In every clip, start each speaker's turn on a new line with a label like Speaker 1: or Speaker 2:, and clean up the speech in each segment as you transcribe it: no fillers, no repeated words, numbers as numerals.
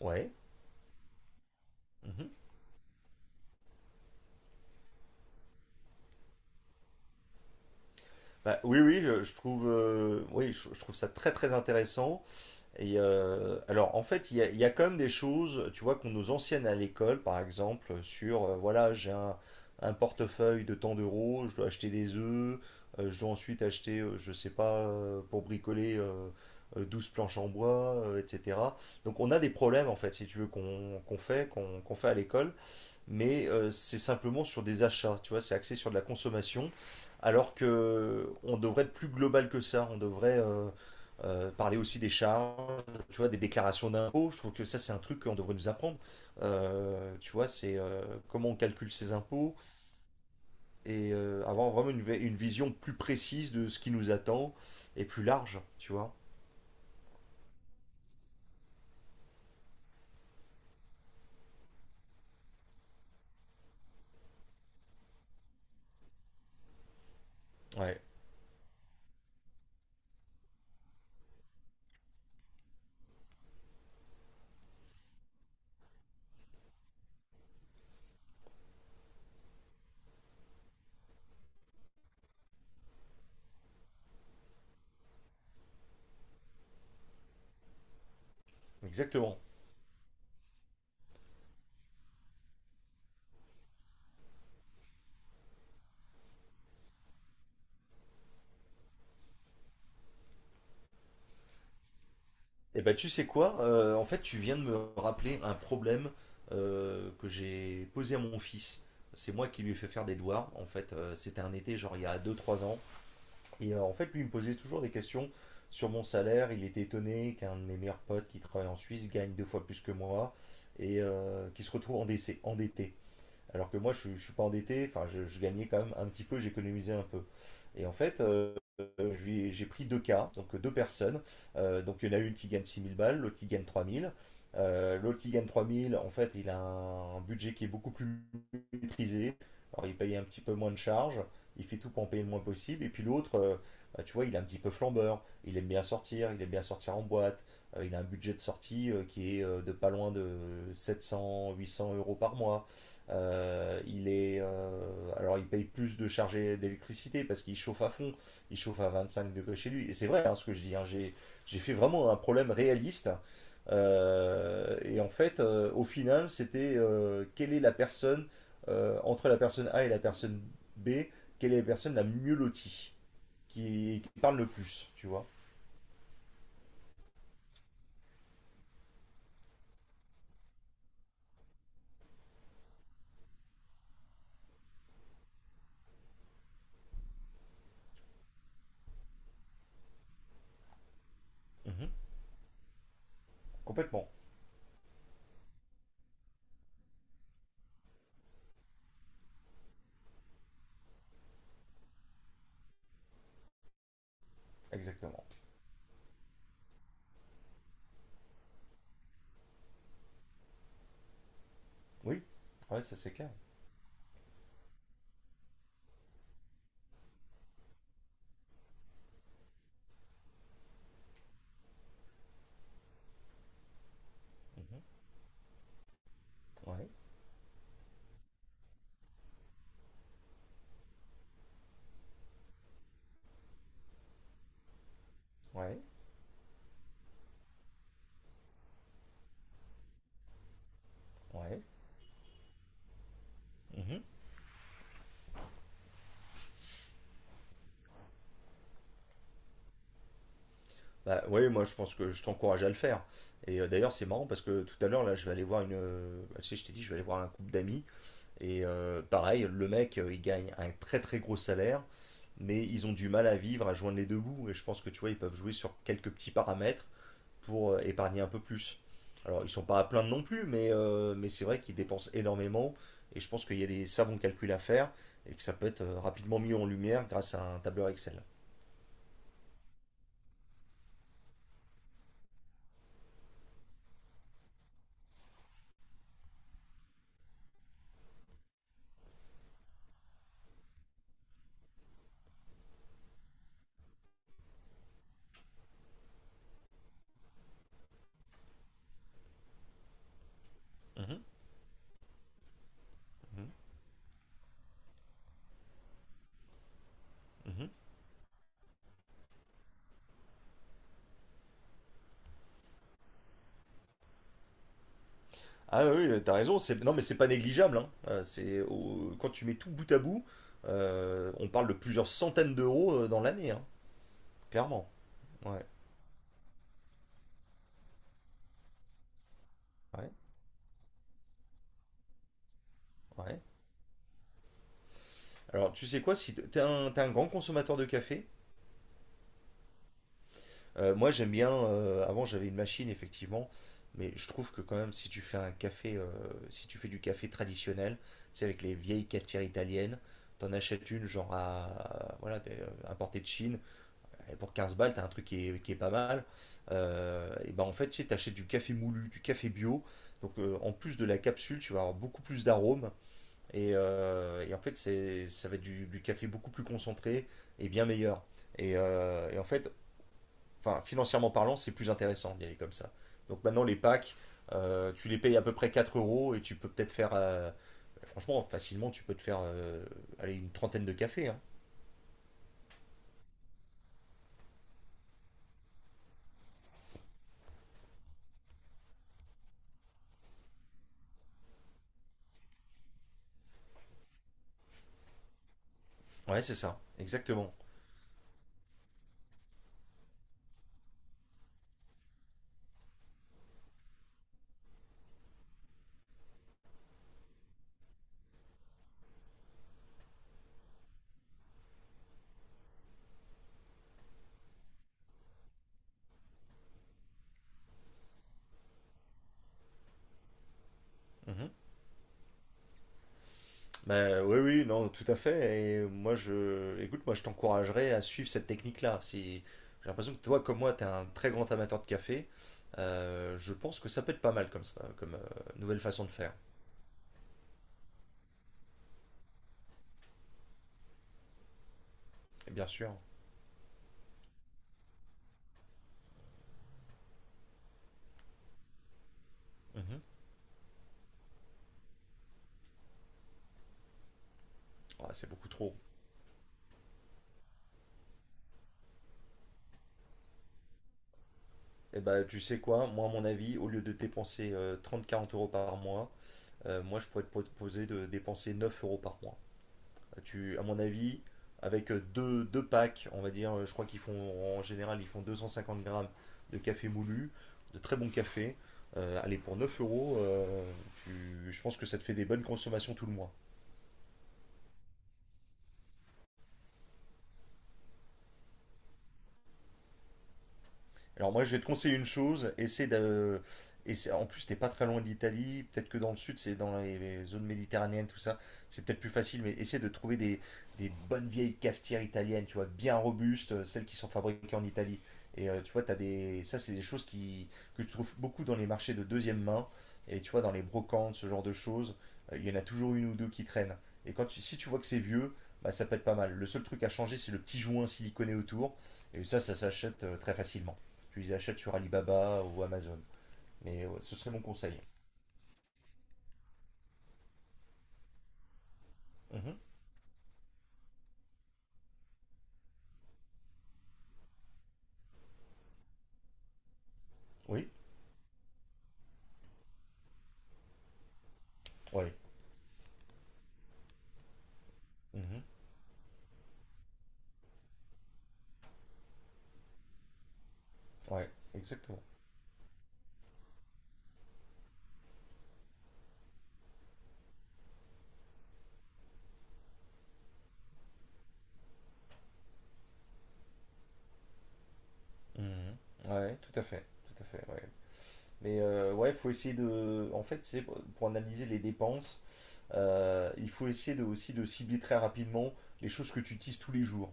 Speaker 1: Ouais. Mhm. Bah, oui, oui, je trouve, oui, je trouve ça très très intéressant. Et alors, en fait, il y a quand même des choses, tu vois, qu'on nous enseigne à l'école, par exemple, sur, voilà, j'ai un portefeuille de tant d'euros, je dois acheter des œufs, je dois ensuite acheter, je sais pas, pour bricoler 12 planches en bois, etc. Donc, on a des problèmes, en fait, si tu veux, qu'on fait, qu'on fait à l'école. Mais c'est simplement sur des achats, tu vois, c'est axé sur de la consommation, alors que on devrait être plus global que ça, on devrait parler aussi des charges, tu vois, des déclarations d'impôts, je trouve que ça c'est un truc qu'on devrait nous apprendre. Tu vois, c'est comment on calcule ses impôts, et avoir vraiment une vision plus précise de ce qui nous attend, et plus large, tu vois. Ouais, exactement. Eh ben, tu sais quoi? En fait, tu viens de me rappeler un problème que j'ai posé à mon fils. C'est moi qui lui ai fait faire des devoirs. En fait, c'était un été, genre il y a deux trois ans. Et en fait, lui, il me posait toujours des questions sur mon salaire. Il était étonné qu'un de mes meilleurs potes qui travaille en Suisse gagne deux fois plus que moi et qui se retrouve endetté. Alors que moi, je suis pas endetté, enfin, je gagnais quand même un petit peu, j'économisais un peu. Et en fait, j'ai pris deux cas, donc deux personnes. Donc il y en a une qui gagne 6000 balles, l'autre qui gagne 3000. L'autre qui gagne 3000, en fait, il a un budget qui est beaucoup plus maîtrisé. Alors il paye un petit peu moins de charges, il fait tout pour en payer le moins possible. Et puis l'autre, bah, tu vois, il est un petit peu flambeur, il aime bien sortir, il aime bien sortir en boîte. Il a un budget de sortie qui est de pas loin de 700, 800 euros par mois. Alors il paye plus de chargé d'électricité parce qu'il chauffe à fond, il chauffe à 25 degrés chez lui. Et c'est vrai hein, ce que je dis, hein, j'ai fait vraiment un problème réaliste. Et en fait, au final, c'était quelle est la personne, entre la personne A et la personne B, quelle est la personne la mieux lotie, qui parle le plus, tu vois. Mhm. Complètement, exactement. Oui, ouais, ça c'est clair. Mhm. Ouais, ouais, ouais. Mhm. Bah, ouais, moi je pense que je t'encourage à le faire. Et d'ailleurs, c'est marrant parce que tout à l'heure, là, je vais aller voir une. Tu sais, je t'ai dit, je vais aller voir un couple d'amis. Et pareil, le mec, il gagne un très très gros salaire, mais ils ont du mal à vivre, à joindre les deux bouts. Et je pense que tu vois, ils peuvent jouer sur quelques petits paramètres pour épargner un peu plus. Alors, ils sont pas à plaindre non plus, mais c'est vrai qu'ils dépensent énormément. Et je pense qu'il y a des savants calculs à faire et que ça peut être rapidement mis en lumière grâce à un tableur Excel. Mhm, mhm, mhm. Ah oui, oui, t'as raison, non mais c'est pas négligeable, hein. Quand tu mets tout bout à bout, on parle de plusieurs centaines d'euros dans l'année, hein, clairement. Ouais, ouais, ouais. Alors tu sais quoi, si t- t'es un grand consommateur de café, moi j'aime bien, avant j'avais une machine effectivement, mais je trouve que quand même si tu fais un café, si tu fais du café traditionnel, c'est avec les vieilles cafetières italiennes, t'en achètes une genre à, voilà, importée de Chine. Et pour 15 balles, t'as un truc qui est pas mal. Et ben en fait, tu sais, t'achètes du café moulu, du café bio. Donc en plus de la capsule, tu vas avoir beaucoup plus d'arômes. Et en fait, ça va être du café beaucoup plus concentré et bien meilleur. Et en fait, enfin, financièrement parlant, c'est plus intéressant d'y aller comme ça. Donc maintenant, les packs, tu les payes à peu près 4 euros et tu peux peut-être faire, franchement, facilement, tu peux te faire allez, une trentaine de cafés, hein. Ouais, c'est ça, exactement. Mhm. Bah, oui, oui, non, tout à fait. Et moi, écoute, moi, je t'encouragerais à suivre cette technique-là. Si j'ai l'impression que toi, comme moi, t'es un très grand amateur de café, je pense que ça peut être pas mal comme ça, comme nouvelle façon de faire. Et bien sûr. Mhm. Ouais, c'est beaucoup trop. Et bah, tu sais quoi, moi, à mon avis, au lieu de dépenser 30-40 euros par mois, moi, je pourrais te proposer de dépenser 9 euros par mois. Tu, à mon avis, avec deux packs, on va dire, je crois qu'ils font en général, ils font 250 grammes de café moulu, de très bon café. Allez, pour 9 euros, je pense que ça te fait des bonnes consommations tout le mois. Alors moi, je vais te conseiller une chose, essaie de. En plus, t'es pas très loin de l'Italie. Peut-être que dans le sud, c'est dans les zones méditerranéennes, tout ça. C'est peut-être plus facile, mais essaie de trouver des bonnes vieilles cafetières italiennes, tu vois, bien robustes, celles qui sont fabriquées en Italie. Et tu vois, ça, c'est des choses que je trouve beaucoup dans les marchés de deuxième main. Et tu vois, dans les brocantes, ce genre de choses, il y en a toujours une ou deux qui traînent. Et si tu vois que c'est vieux, bah, ça peut être pas mal. Le seul truc à changer, c'est le petit joint siliconé autour. Et ça s'achète très facilement. Tu les achètes sur Alibaba ou Amazon. Mais ouais, ce serait mon conseil. Mhm. Oui, ouais. Mhm. Ouais, exactement. Mhm. Ouais, tout à fait, ouais. Mais ouais, faut essayer de. En fait, c'est pour analyser les dépenses, il faut essayer de, aussi de cibler très rapidement les choses que tu utilises tous les jours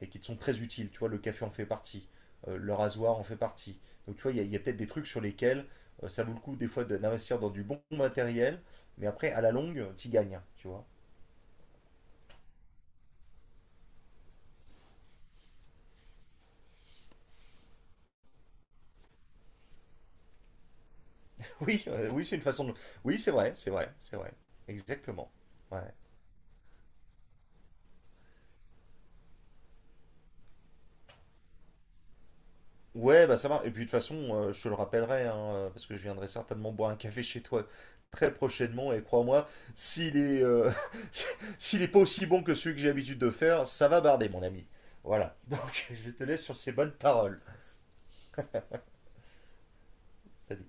Speaker 1: et qui te sont très utiles. Tu vois, le café en fait partie, le rasoir en fait partie. Donc, tu vois, il y a peut-être des trucs sur lesquels ça vaut le coup des fois d'investir dans du bon matériel, mais après, à la longue, tu gagnes, tu vois. Oui, oui, c'est une façon de. Oui, c'est vrai, c'est vrai, c'est vrai. Exactement. Ouais. Ouais, bah ça marche. Et puis de toute façon, je te le rappellerai, hein, parce que je viendrai certainement boire un café chez toi très prochainement. Et crois-moi, s'il est, euh, si- s'il est pas aussi bon que celui que j'ai l'habitude de faire, ça va barder, mon ami. Voilà. Donc je te laisse sur ces bonnes paroles. Salut.